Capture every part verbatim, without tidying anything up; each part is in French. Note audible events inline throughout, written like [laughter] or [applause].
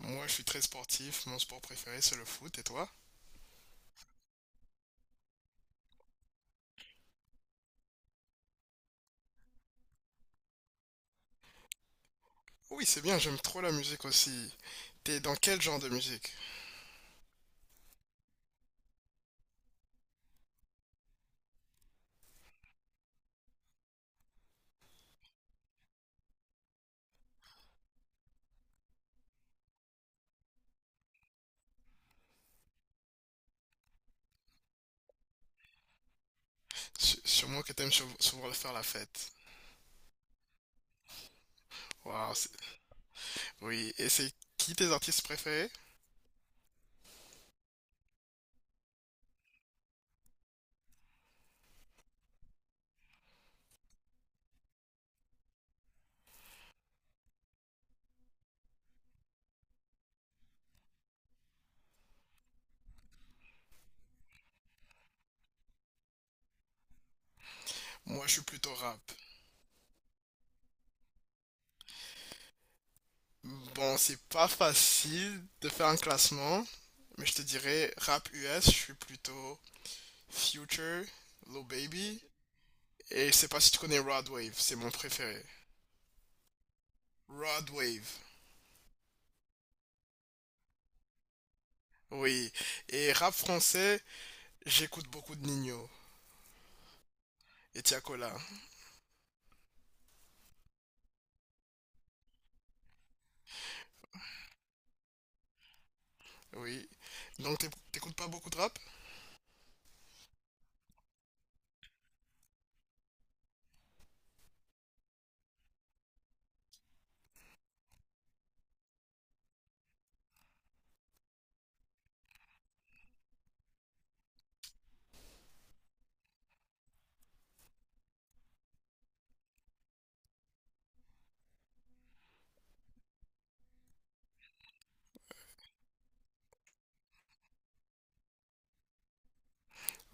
Moi, je suis très sportif. Mon sport préféré, c'est le foot. Et toi? Oui, c'est bien. J'aime trop la musique aussi. T'es dans quel genre de musique? Su- Sûrement que t'aimes sou- souvent faire la fête. Waouh. c'est- Oui. Et c'est qui tes artistes préférés? Moi, je suis plutôt rap. Bon, c'est pas facile de faire un classement, mais je te dirais rap U S. Je suis plutôt Future, Lil Baby. Et je sais pas si tu connais Rod Wave. C'est mon préféré. Rod Wave. Oui. Et rap français. J'écoute beaucoup de Nino et Tiakola, oui. Donc t'éc- t'écoutes pas beaucoup de rap?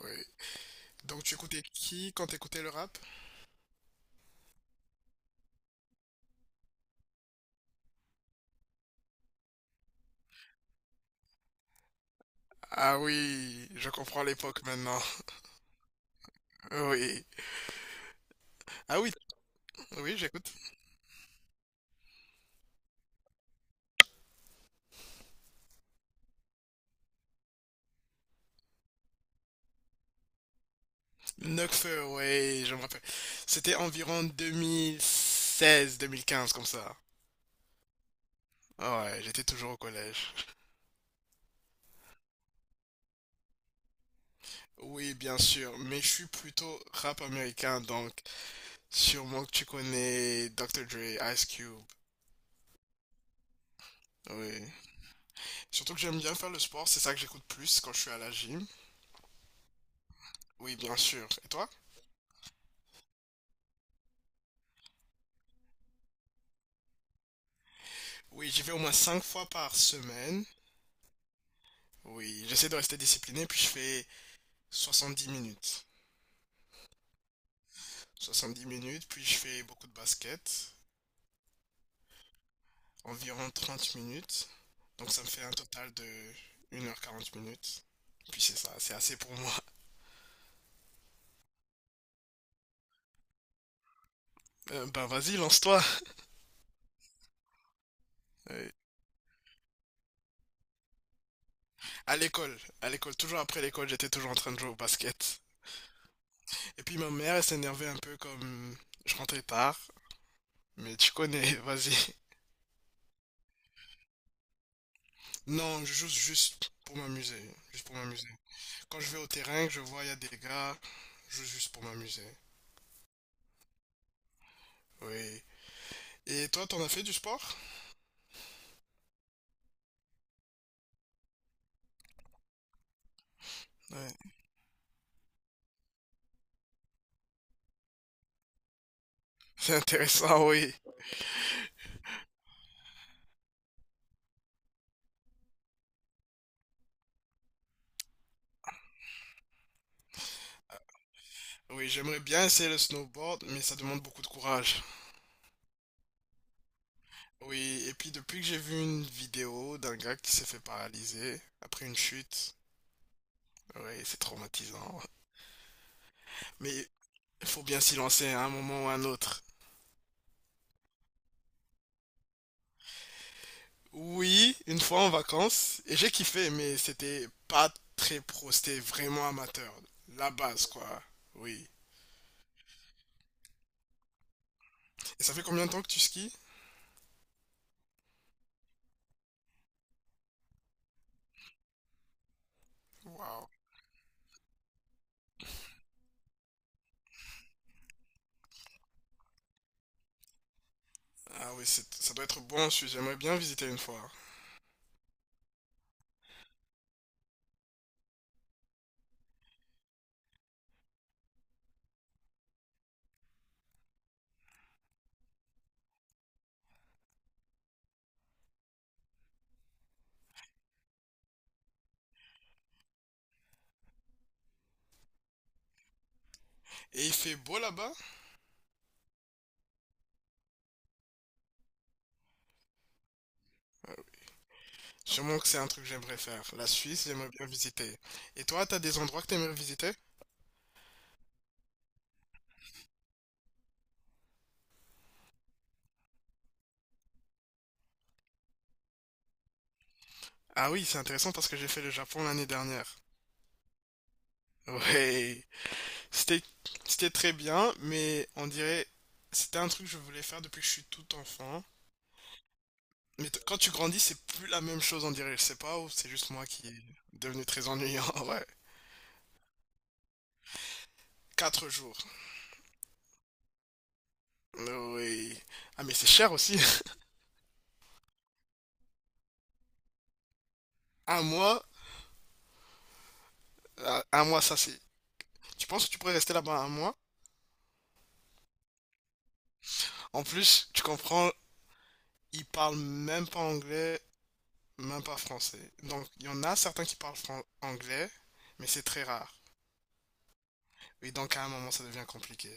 Oui. Donc tu écoutais qui quand t'écoutais le rap? Ah oui, je comprends l'époque maintenant. [laughs] Oui. Ah oui, oui, j'écoute. Nekfeu, oui, je me rappelle. C'était environ deux mille seize-deux mille quinze comme ça. Ouais, j'étais toujours au collège. Oui, bien sûr, mais je suis plutôt rap américain, donc sûrement que tu connais docteur Dre, Ice Cube. Oui. Surtout que j'aime bien faire le sport, c'est ça que j'écoute plus quand je suis à la gym. Oui, bien sûr. Et toi? Oui, j'y vais au moins cinq fois par semaine. Oui, j'essaie de rester discipliné, puis je fais soixante dix minutes. Soixante dix minutes, puis je fais beaucoup de basket, environ trente minutes. Donc ça me fait un total de une heure quarante minutes. Puis c'est ça, c'est assez pour moi. Euh, ben vas-y, lance-toi. Euh, à l'école, à l'école, toujours après l'école, j'étais toujours en train de jouer au basket. Et puis ma mère, elle s'énervait un peu comme je rentrais tard. Mais tu connais, [laughs] vas-y. Non, je joue juste pour m'amuser. Juste pour m'amuser. Quand je vais au terrain, que je vois, il y a des gars, je joue juste pour m'amuser. Oui. Et toi, t'en as fait du sport? Ouais. [laughs] C'est intéressant, oui. Euh, Oui, j'aimerais bien essayer le snowboard, mais ça demande beaucoup de courage. Oui, et puis depuis que j'ai vu une vidéo d'un gars qui s'est fait paralyser après une chute, oui, c'est traumatisant. Mais il faut bien s'y lancer à un moment ou à un autre. Oui, une fois en vacances, et j'ai kiffé, mais c'était pas très pro, c'était vraiment amateur. La base, quoi. Oui. Et ça fait combien de temps que tu skis? Waouh. Ah oui, c'est- ça doit être bon en Suisse, j'aimerais bien visiter une fois. Et il fait beau là-bas? Sûrement que c'est un truc que j'aimerais faire. La Suisse, j'aimerais bien visiter. Et toi, t'as des endroits que t'aimerais visiter? Ah oui, c'est intéressant parce que j'ai fait le Japon l'année dernière. Ouais, c'était c'était très bien, mais on dirait c'était un truc que je voulais faire depuis que je suis tout enfant. Mais t- quand tu grandis, c'est plus la même chose, on dirait. Je sais pas, ou c'est juste moi qui est devenu très ennuyant. [laughs] Ouais. Quatre jours. Oui. Ah, mais c'est cher aussi. [laughs] Un mois, euh, un mois, ça c'est. Tu penses que tu pourrais rester là-bas un mois? En plus, tu comprends, ils parlent même pas anglais, même pas français. Donc, il y en a certains qui parlent fran- anglais, mais c'est très rare. Et donc, à un moment, ça devient compliqué.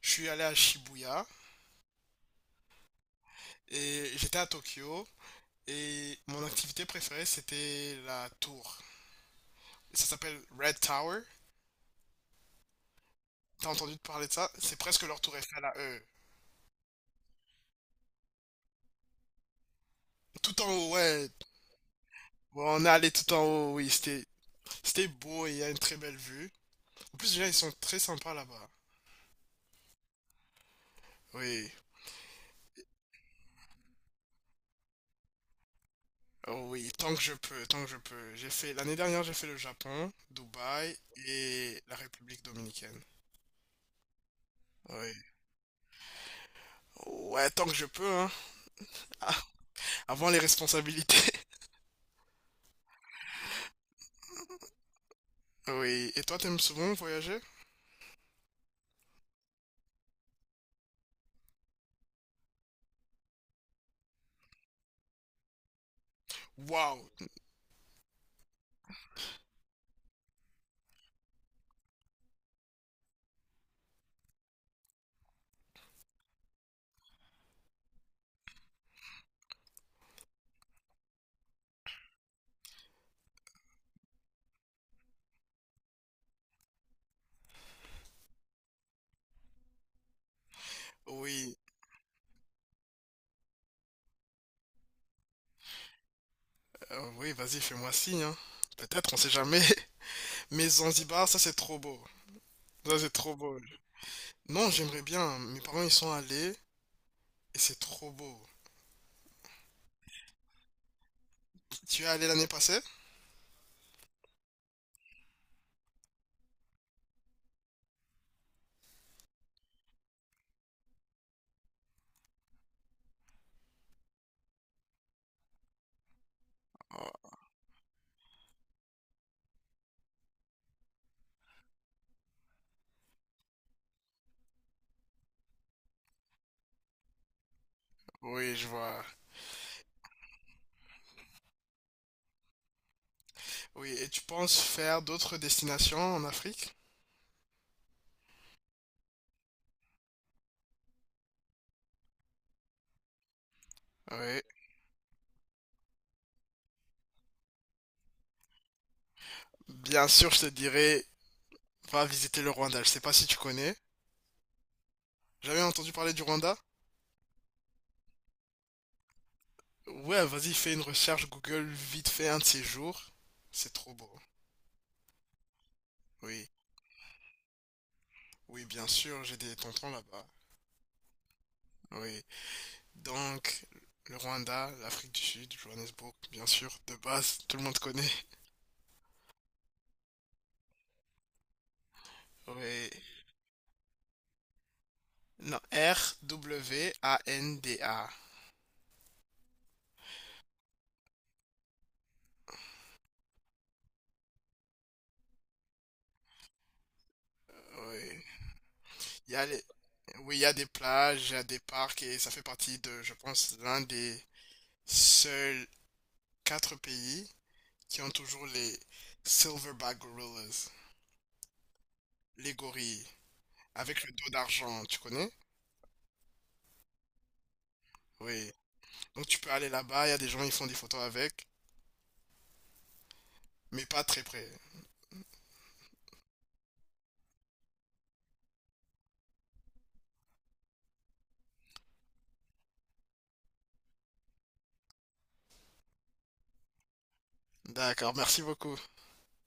Je suis allé à Shibuya et j'étais à Tokyo. Et mon activité préférée, c'était la tour. Ça s'appelle Red Tower. T'as entendu parler de ça? C'est presque leur tour Eiffel à eux. Tout en haut, ouais. Ouais, on est allé tout en haut, oui. C'était, c'était beau et il y a une très belle vue. En plus, déjà, ils sont très sympas là-bas. Oui. Oh oui, tant que je peux, tant que je peux. J'ai fait, l'année dernière, j'ai fait le Japon, Dubaï et la République dominicaine. Oui. Ouais, tant que je peux, hein. [laughs] Ah, avant les responsabilités. [laughs] Oui. Et toi, t'aimes souvent voyager? Waouh. Oui. Euh, oui, vas-y, fais-moi signe, hein. Peut-être, on sait jamais. [laughs] Mais Zanzibar, ça c'est trop beau. Ça c'est trop beau. Non, j'aimerais bien. Mes parents ils sont allés et c'est trop beau. Tu es allé l'année passée? Oh, oui, je vois. Oui, et tu penses faire d'autres destinations en Afrique? Oui. Bien sûr, je te dirais, va visiter le Rwanda. Je sais pas si tu connais. Jamais entendu parler du Rwanda? Ouais, vas-y, fais une recherche Google vite fait un de ces jours. C'est trop beau. Oui, oui, bien sûr, j'ai des tontons là-bas. Oui. Donc, le Rwanda, l'Afrique du Sud, Johannesburg, bien sûr, de base, tout le monde connaît. Oui. Non, R W A N D A. Oui. Il y a les- Oui, il y a des plages, il y a des parcs et ça fait partie de, je pense, l'un des seuls quatre pays qui ont toujours les Silverback Gorillas, les gorilles, avec le dos d'argent, tu connais? Oui. Donc tu peux aller là-bas, il y a des gens, ils font des photos avec, mais pas très près. D'accord, merci beaucoup.